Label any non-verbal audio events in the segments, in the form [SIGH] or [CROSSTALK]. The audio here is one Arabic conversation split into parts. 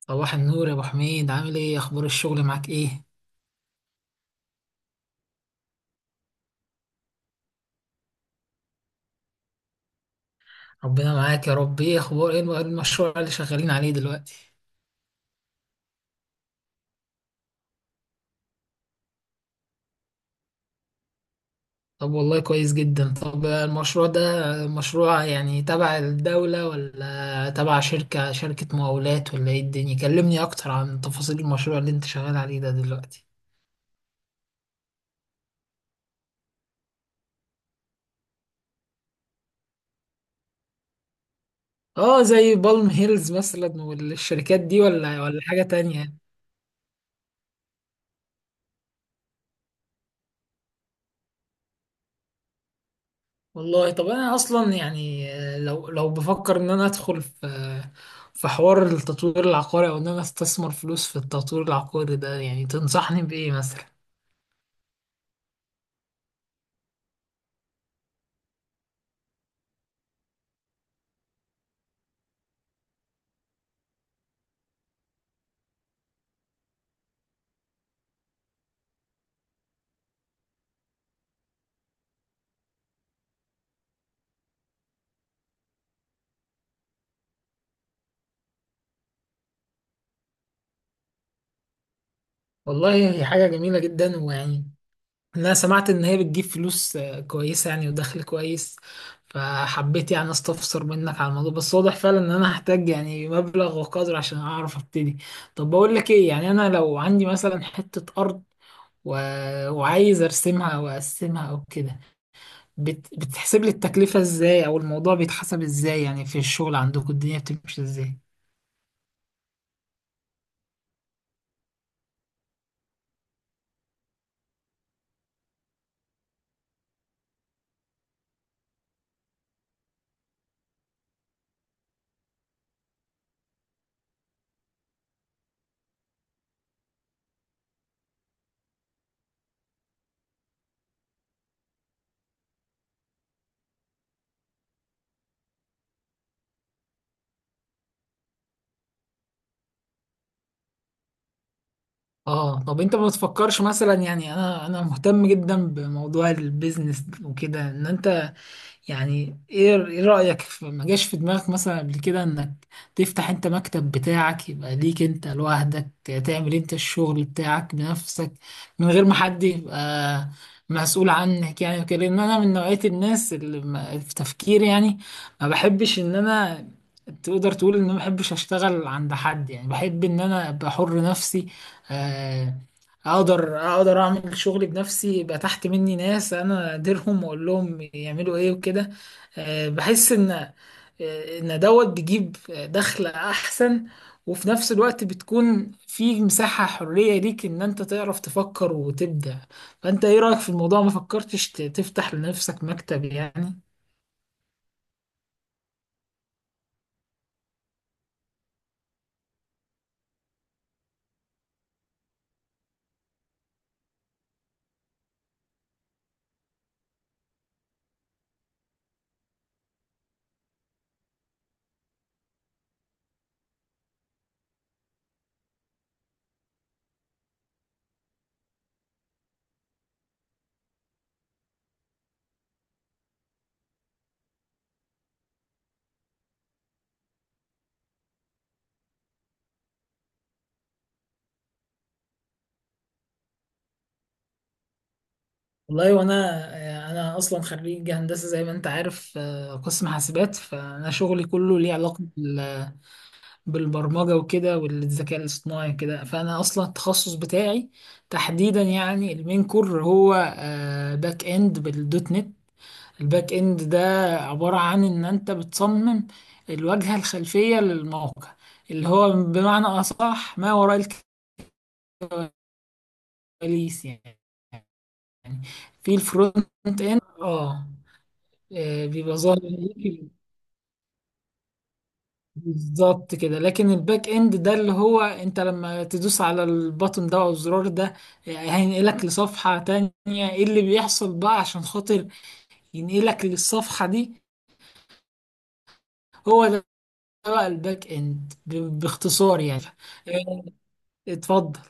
صباح النور يا ابو حميد، عامل ايه؟ اخبار الشغل معاك ايه؟ ربنا معاك يا رب. ايه المشروع اللي شغالين عليه دلوقتي؟ طب والله كويس جدا. طب المشروع ده مشروع يعني تبع الدولة، ولا تبع شركة مقاولات، ولا ايه الدنيا؟ كلمني اكتر عن تفاصيل المشروع اللي انت شغال عليه ده دلوقتي. اه، زي بالم هيلز مثلا، والشركات دي، ولا حاجة تانية؟ والله طب انا اصلا يعني، لو بفكر ان انا ادخل في، في حوار التطوير العقاري، او ان انا استثمر فلوس في التطوير العقاري ده، يعني تنصحني بايه مثلا؟ والله هي حاجة جميلة جدا، ويعني انا سمعت ان هي بتجيب فلوس كويسة يعني، ودخل كويس، فحبيت يعني استفسر منك على الموضوع. بس واضح فعلا ان انا هحتاج يعني مبلغ وقدر عشان اعرف ابتدي. طب بقول لك ايه، يعني انا لو عندي مثلا حتة ارض، و... وعايز ارسمها واقسمها او كده، بتحسب لي التكلفة ازاي، او الموضوع بيتحسب ازاي يعني؟ في الشغل عندكم الدنيا بتمشي ازاي؟ اه، طب انت ما بتفكرش مثلا، يعني انا مهتم جدا بموضوع البيزنس وكده، ان انت يعني إيه رأيك في- ما جاش في دماغك مثلا قبل كده انك تفتح انت مكتب بتاعك، يبقى ليك انت لوحدك، تعمل انت الشغل بتاعك بنفسك من غير ما حد يبقى مسؤول عنك يعني وكده؟ لان انا من نوعية الناس اللي في تفكيري يعني ما بحبش ان انا، تقدر تقول ان ما بحبش اشتغل عند حد، يعني بحب ان انا ابقى حر نفسي. آه، اقدر اعمل شغلي بنفسي، يبقى تحت مني ناس انا اديرهم واقول لهم يعملوا ايه وكده. بحس ان، ان دوت بيجيب دخل احسن، وفي نفس الوقت بتكون في مساحة حرية ليك ان انت تعرف تفكر وتبدع. فانت ايه رأيك في الموضوع؟ ما فكرتش تفتح لنفسك مكتب يعني؟ والله، وانا انا اصلا خريج هندسة زي ما انت عارف، قسم حاسبات. فانا شغلي كله ليه علاقة بالبرمجة وكده والذكاء الاصطناعي وكده. فأنا أصلا التخصص بتاعي تحديدا يعني المين كور هو باك إند بالدوت نت. الباك إند ده عبارة عن إن أنت بتصمم الواجهة الخلفية للموقع، اللي هو بمعنى أصح ما وراء الكواليس يعني، في الفرونت إند اه. بيبقى ظاهر بالظبط كده. لكن الباك اند ده اللي هو انت لما تدوس على البطن ده او الزرار ده، هينقلك لصفحة تانية. ايه اللي بيحصل بقى عشان خاطر ينقلك للصفحة دي؟ هو ده بقى الباك اند باختصار يعني. إيه، اتفضل.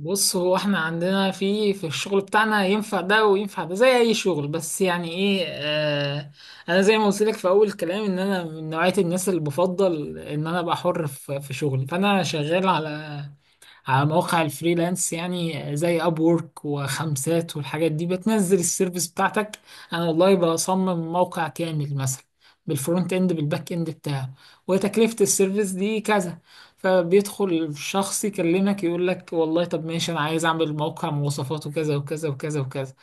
بص، هو احنا عندنا في الشغل بتاعنا ينفع ده وينفع ده زي اي شغل. بس يعني ايه، آه انا زي ما قلت لك في اول الكلام ان انا من نوعية الناس اللي بفضل ان انا ابقى حر في شغلي، فانا شغال على مواقع الفريلانس، يعني زي اب وورك وخمسات والحاجات دي. بتنزل السيرفيس بتاعتك. انا والله بصمم موقع كامل مثلا، بالفرونت اند بالباك اند بتاعه، وتكلفة السيرفيس دي كذا. فبيدخل الشخص يكلمك يقول لك، والله طب ماشي، انا عايز اعمل موقع مواصفاته كذا وكذا وكذا وكذا.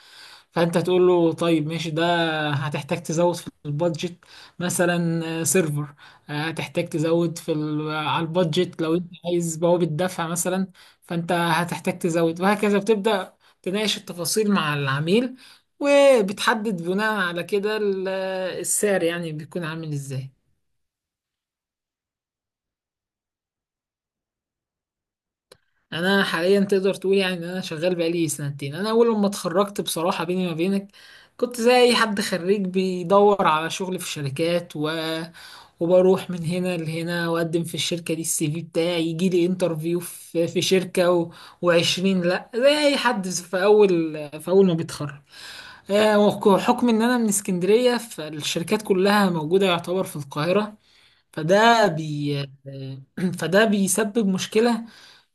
فانت تقول له طيب ماشي، ده هتحتاج تزود في البادجت. مثلا سيرفر، هتحتاج تزود في على البادجت لو انت عايز بوابة دفع مثلا. فانت هتحتاج تزود، وهكذا. بتبدأ تناقش التفاصيل مع العميل، وبتحدد بناء على كده السعر يعني بيكون عامل ازاي. انا حاليا تقدر تقول يعني ان انا شغال بقالي سنتين. انا اول لما اتخرجت، بصراحة بيني ما بينك، كنت زي اي حد خريج بيدور على شغل في الشركات، و... وبروح من هنا لهنا، واقدم في الشركة دي، الـCV بتاعي يجي لي انترفيو في شركة، وعشرين، لا، زي اي حد في اول ما بيتخرج. آه، وحكم ان انا من اسكندريه، فالشركات كلها موجوده يعتبر في القاهره. فده بي آه، [CLEARS THROAT] فده بيسبب مشكله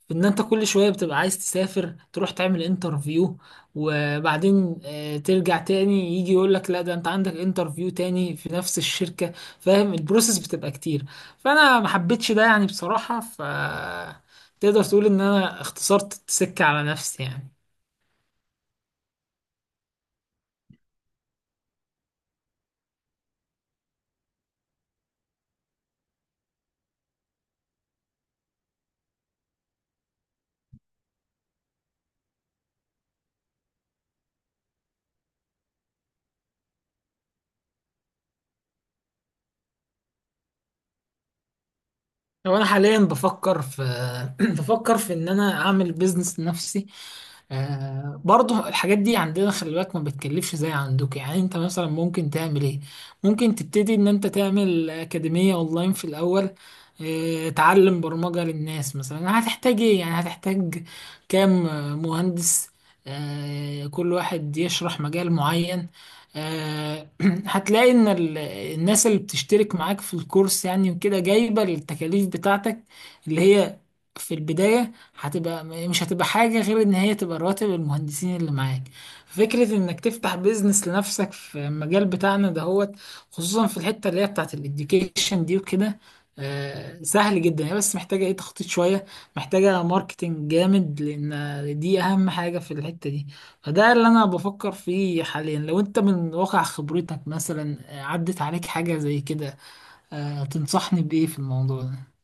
في ان انت كل شويه بتبقى عايز تسافر تروح تعمل انترفيو، وبعدين ترجع تاني، يجي يقول لك لا ده انت عندك انترفيو تاني في نفس الشركه، فاهم؟ البروسيس بتبقى كتير، فانا ما حبيتش ده يعني بصراحه. تقدر تقول ان انا اختصرت السكه على نفسي يعني. هو انا حاليا بفكر في، [CLEARS THROAT] بفكر في ان انا اعمل بيزنس لنفسي. آه برضه الحاجات دي عندنا خلي بالك ما بتكلفش زي عندك. يعني انت مثلا ممكن تعمل ايه؟ ممكن تبتدي ان انت تعمل اكاديمية اونلاين في الاول، آه تعلم برمجة للناس مثلا. هتحتاج ايه يعني؟ هتحتاج كام مهندس، آه كل واحد يشرح مجال معين. آه [CLEARS THROAT] هتلاقي ان الناس اللي بتشترك معاك في الكورس يعني وكده جايبة التكاليف بتاعتك، اللي هي في البداية هتبقى، مش هتبقى حاجة غير ان هي تبقى رواتب المهندسين اللي معاك. فكرة انك تفتح بيزنس لنفسك في المجال بتاعنا دهوت، خصوصا في الحتة اللي هي بتاعت الاديوكيشن دي وكده، سهل جدا. هي بس محتاجة ايه، تخطيط شوية، محتاجة ماركتينج جامد، لان دي اهم حاجة في الحتة دي. فده اللي انا بفكر فيه حاليا. لو انت من واقع خبرتك مثلا عدت عليك حاجة زي كده، تنصحني بإيه في الموضوع ده؟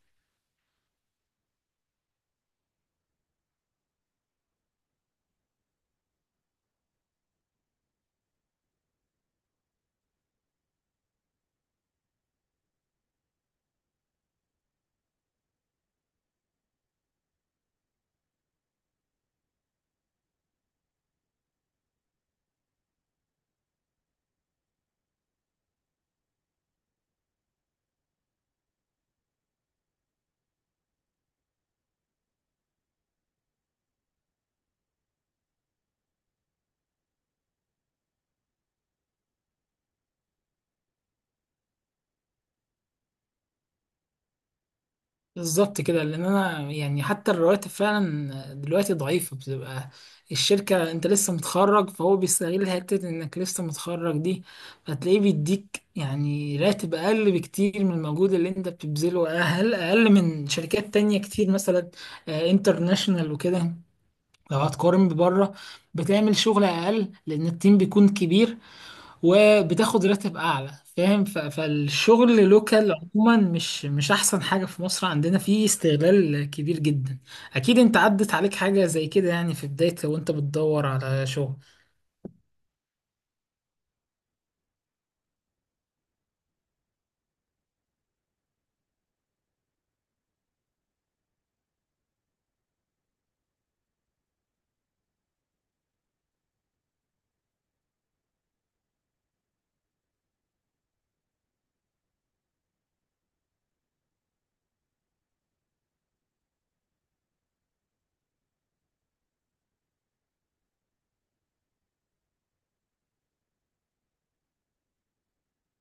بالظبط كده. لان انا يعني حتى الرواتب فعلا دلوقتي ضعيفه، بتبقى الشركه انت لسه متخرج فهو بيستغل حته انك لسه متخرج دي، فتلاقيه بيديك يعني راتب اقل بكتير من المجهود اللي انت بتبذله، اقل اقل من شركات تانية كتير مثلا انترناشونال وكده. لو هتقارن ببره، بتعمل شغل اقل لان التيم بيكون كبير، وبتاخد راتب اعلى. فاهم؟ فالشغل لوكال عموما، مش احسن حاجة. في مصر عندنا فيه استغلال كبير جدا. اكيد انت عدت عليك حاجة زي كده يعني في بداية لو انت بتدور على شغل